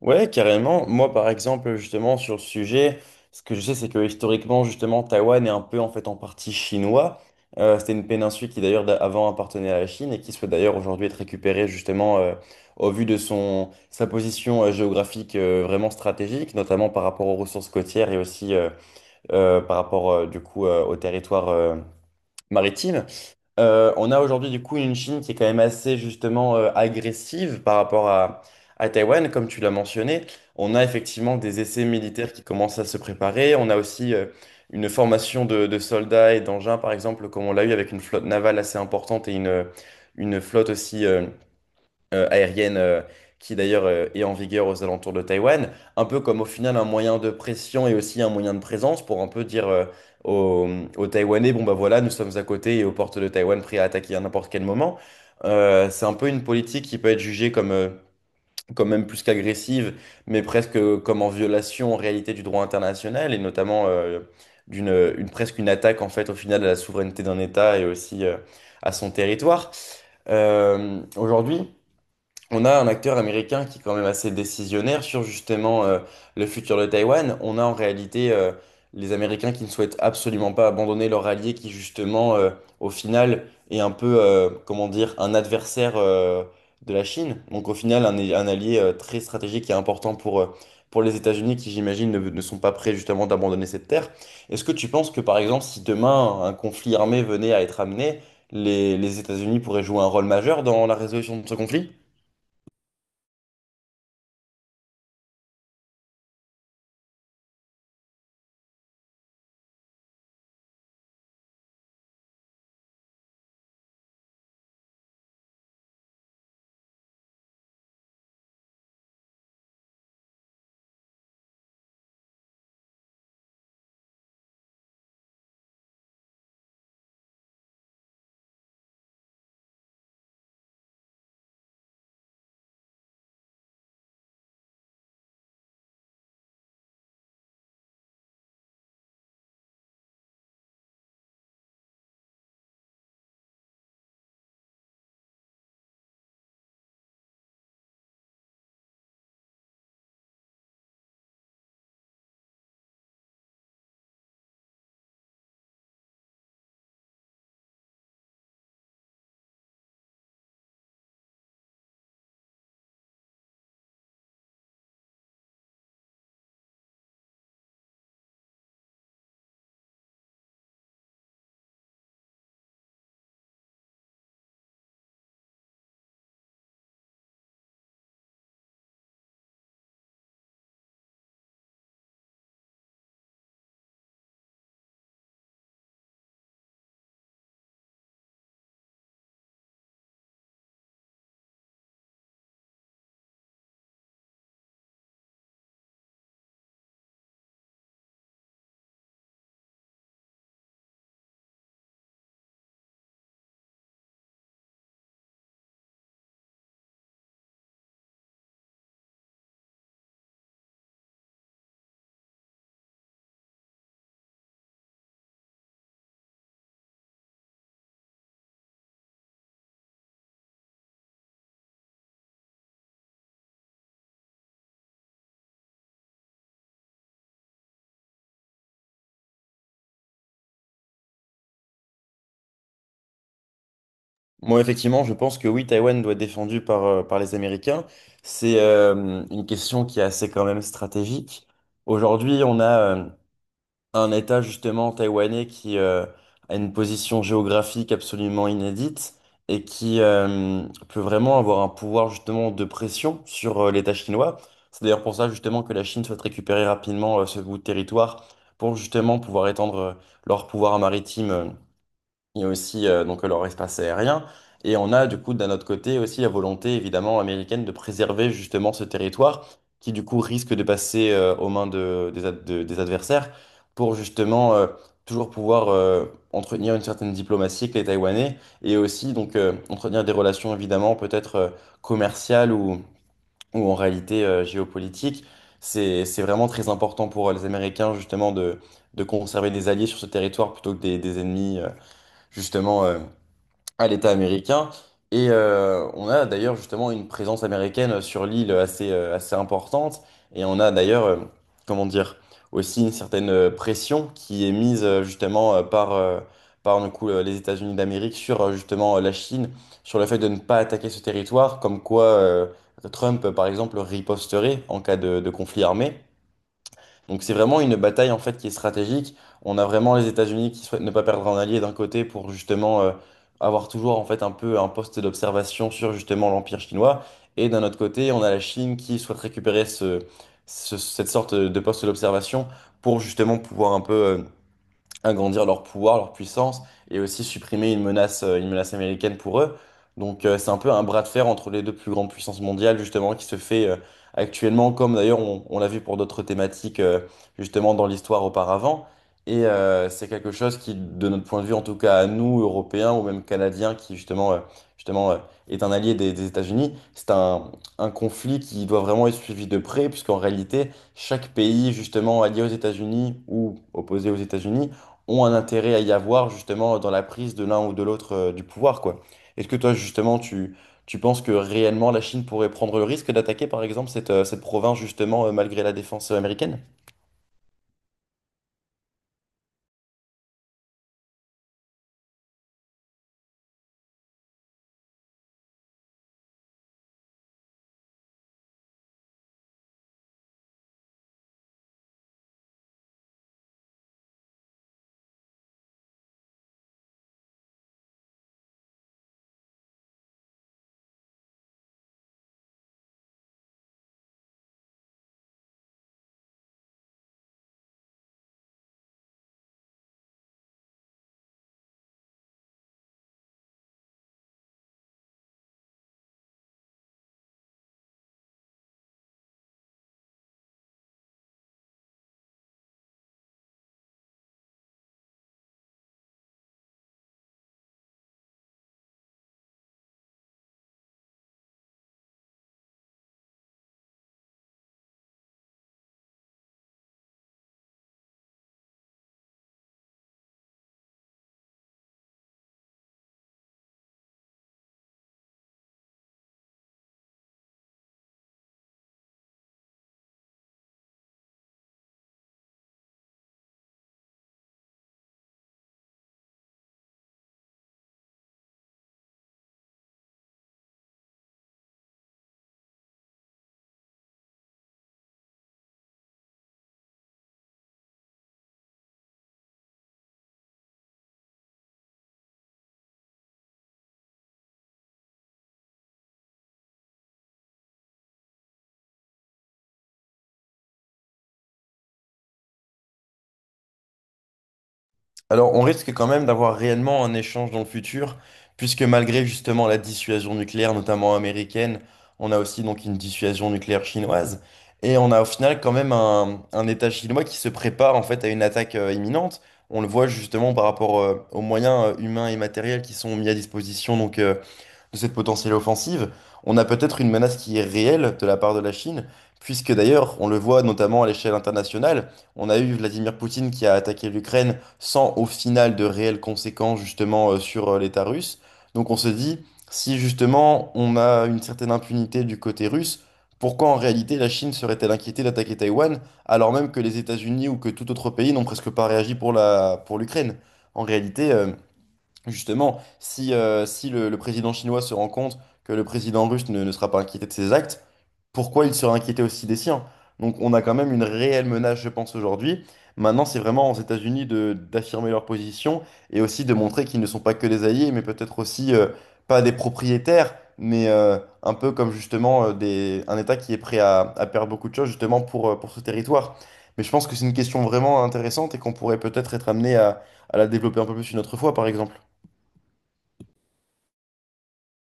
Ouais, carrément. Moi, par exemple, justement, sur le sujet, ce que je sais, c'est que historiquement, justement, Taïwan est un peu en fait en partie chinois. C'était une péninsule qui d'ailleurs avant appartenait à la Chine et qui souhaite d'ailleurs aujourd'hui être récupérée justement au vu de son sa position géographique vraiment stratégique, notamment par rapport aux ressources côtières et aussi par rapport du coup au territoire maritime. On a aujourd'hui du coup une Chine qui est quand même assez justement agressive par rapport à Taïwan, comme tu l'as mentionné. On a effectivement des essais militaires qui commencent à se préparer. On a aussi une formation de soldats et d'engins, par exemple, comme on l'a eu avec une flotte navale assez importante et une flotte aussi aérienne qui d'ailleurs est en vigueur aux alentours de Taïwan, un peu comme au final un moyen de pression et aussi un moyen de présence pour un peu dire aux, aux Taïwanais, bon bah voilà, nous sommes à côté et aux portes de Taïwan prêts à attaquer à n'importe quel moment. C'est un peu une politique qui peut être jugée comme, quand même plus qu'agressive, mais presque comme en violation en réalité du droit international et notamment presque une attaque en fait au final à la souveraineté d'un État et aussi à son territoire. Aujourd'hui, on a un acteur américain qui est quand même assez décisionnaire sur justement le futur de Taïwan. On a en réalité les Américains qui ne souhaitent absolument pas abandonner leur allié qui justement au final est un peu, comment dire, un adversaire de la Chine. Donc au final un allié très stratégique et important pour les États-Unis qui j'imagine ne sont pas prêts justement d'abandonner cette terre. Est-ce que tu penses que par exemple si demain un conflit armé venait à être amené, les États-Unis pourraient jouer un rôle majeur dans la résolution de ce conflit? Moi, effectivement, je pense que oui, Taïwan doit être défendu par, par les Américains. C'est une question qui est assez quand même stratégique. Aujourd'hui, on a un État justement taïwanais qui a une position géographique absolument inédite et qui peut vraiment avoir un pouvoir justement de pression sur l'État chinois. C'est d'ailleurs pour ça justement que la Chine souhaite récupérer rapidement ce bout de territoire pour justement pouvoir étendre leur pouvoir maritime il y a aussi donc leur espace aérien. Et on a du coup d'un autre côté aussi la volonté évidemment américaine de préserver justement ce territoire qui du coup risque de passer aux mains des adversaires pour justement toujours pouvoir entretenir une certaine diplomatie avec les Taïwanais et aussi donc entretenir des relations évidemment peut-être commerciales ou en réalité géopolitiques. C'est vraiment très important pour les Américains justement de conserver des alliés sur ce territoire plutôt que des ennemis. Justement à l'État américain. Et on a d'ailleurs justement une présence américaine sur l'île assez, assez importante. Et on a d'ailleurs, comment dire, aussi une certaine pression qui est mise justement par du coup, les États-Unis d'Amérique sur justement la Chine, sur le fait de ne pas attaquer ce territoire, comme quoi Trump, par exemple, riposterait en cas de conflit armé. Donc c'est vraiment une bataille en fait qui est stratégique. On a vraiment les États-Unis qui souhaitent ne pas perdre un allié d'un côté pour justement avoir toujours en fait un peu un poste d'observation sur justement l'Empire chinois. Et d'un autre côté, on a la Chine qui souhaite récupérer cette sorte de poste d'observation pour justement pouvoir un peu agrandir leur pouvoir, leur puissance, et aussi supprimer une menace américaine pour eux. Donc c'est un peu un bras de fer entre les deux plus grandes puissances mondiales, justement, qui se fait actuellement, comme d'ailleurs on l'a vu pour d'autres thématiques, justement, dans l'histoire auparavant. Et c'est quelque chose qui, de notre point de vue, en tout cas à nous, Européens ou même Canadiens, qui justement, justement euh, est un allié des États-Unis, c'est un conflit qui doit vraiment être suivi de près, puisqu'en réalité, chaque pays, justement, allié aux États-Unis ou opposé aux États-Unis, ont un intérêt à y avoir justement dans la prise de l'un ou de l'autre du pouvoir, quoi. Est-ce que toi, justement, tu penses que réellement la Chine pourrait prendre le risque d'attaquer, par exemple, cette province, justement, malgré la défense américaine? Alors, on risque quand même d'avoir réellement un échange dans le futur, puisque malgré justement la dissuasion nucléaire, notamment américaine, on a aussi donc une dissuasion nucléaire chinoise, et on a au final quand même un État chinois qui se prépare en fait à une attaque imminente. On le voit justement par rapport aux moyens humains et matériels qui sont mis à disposition donc de cette potentielle offensive, on a peut-être une menace qui est réelle de la part de la Chine, puisque d'ailleurs, on le voit notamment à l'échelle internationale, on a eu Vladimir Poutine qui a attaqué l'Ukraine sans au final de réelles conséquences justement sur l'État russe. Donc on se dit, si justement on a une certaine impunité du côté russe, pourquoi en réalité la Chine serait-elle inquiétée d'attaquer Taïwan, alors même que les États-Unis ou que tout autre pays n'ont presque pas réagi pour pour l'Ukraine? En réalité, Justement, si, si le président chinois se rend compte que le président russe ne sera pas inquiété de ses actes, pourquoi il serait inquiété aussi des siens? Donc on a quand même une réelle menace, je pense, aujourd'hui. Maintenant, c'est vraiment aux États-Unis d'affirmer leur position et aussi de montrer qu'ils ne sont pas que des alliés, mais peut-être aussi pas des propriétaires, mais un peu comme justement un État qui est prêt à perdre beaucoup de choses justement pour ce territoire. Mais je pense que c'est une question vraiment intéressante et qu'on pourrait peut-être être amené à la développer un peu plus une autre fois, par exemple.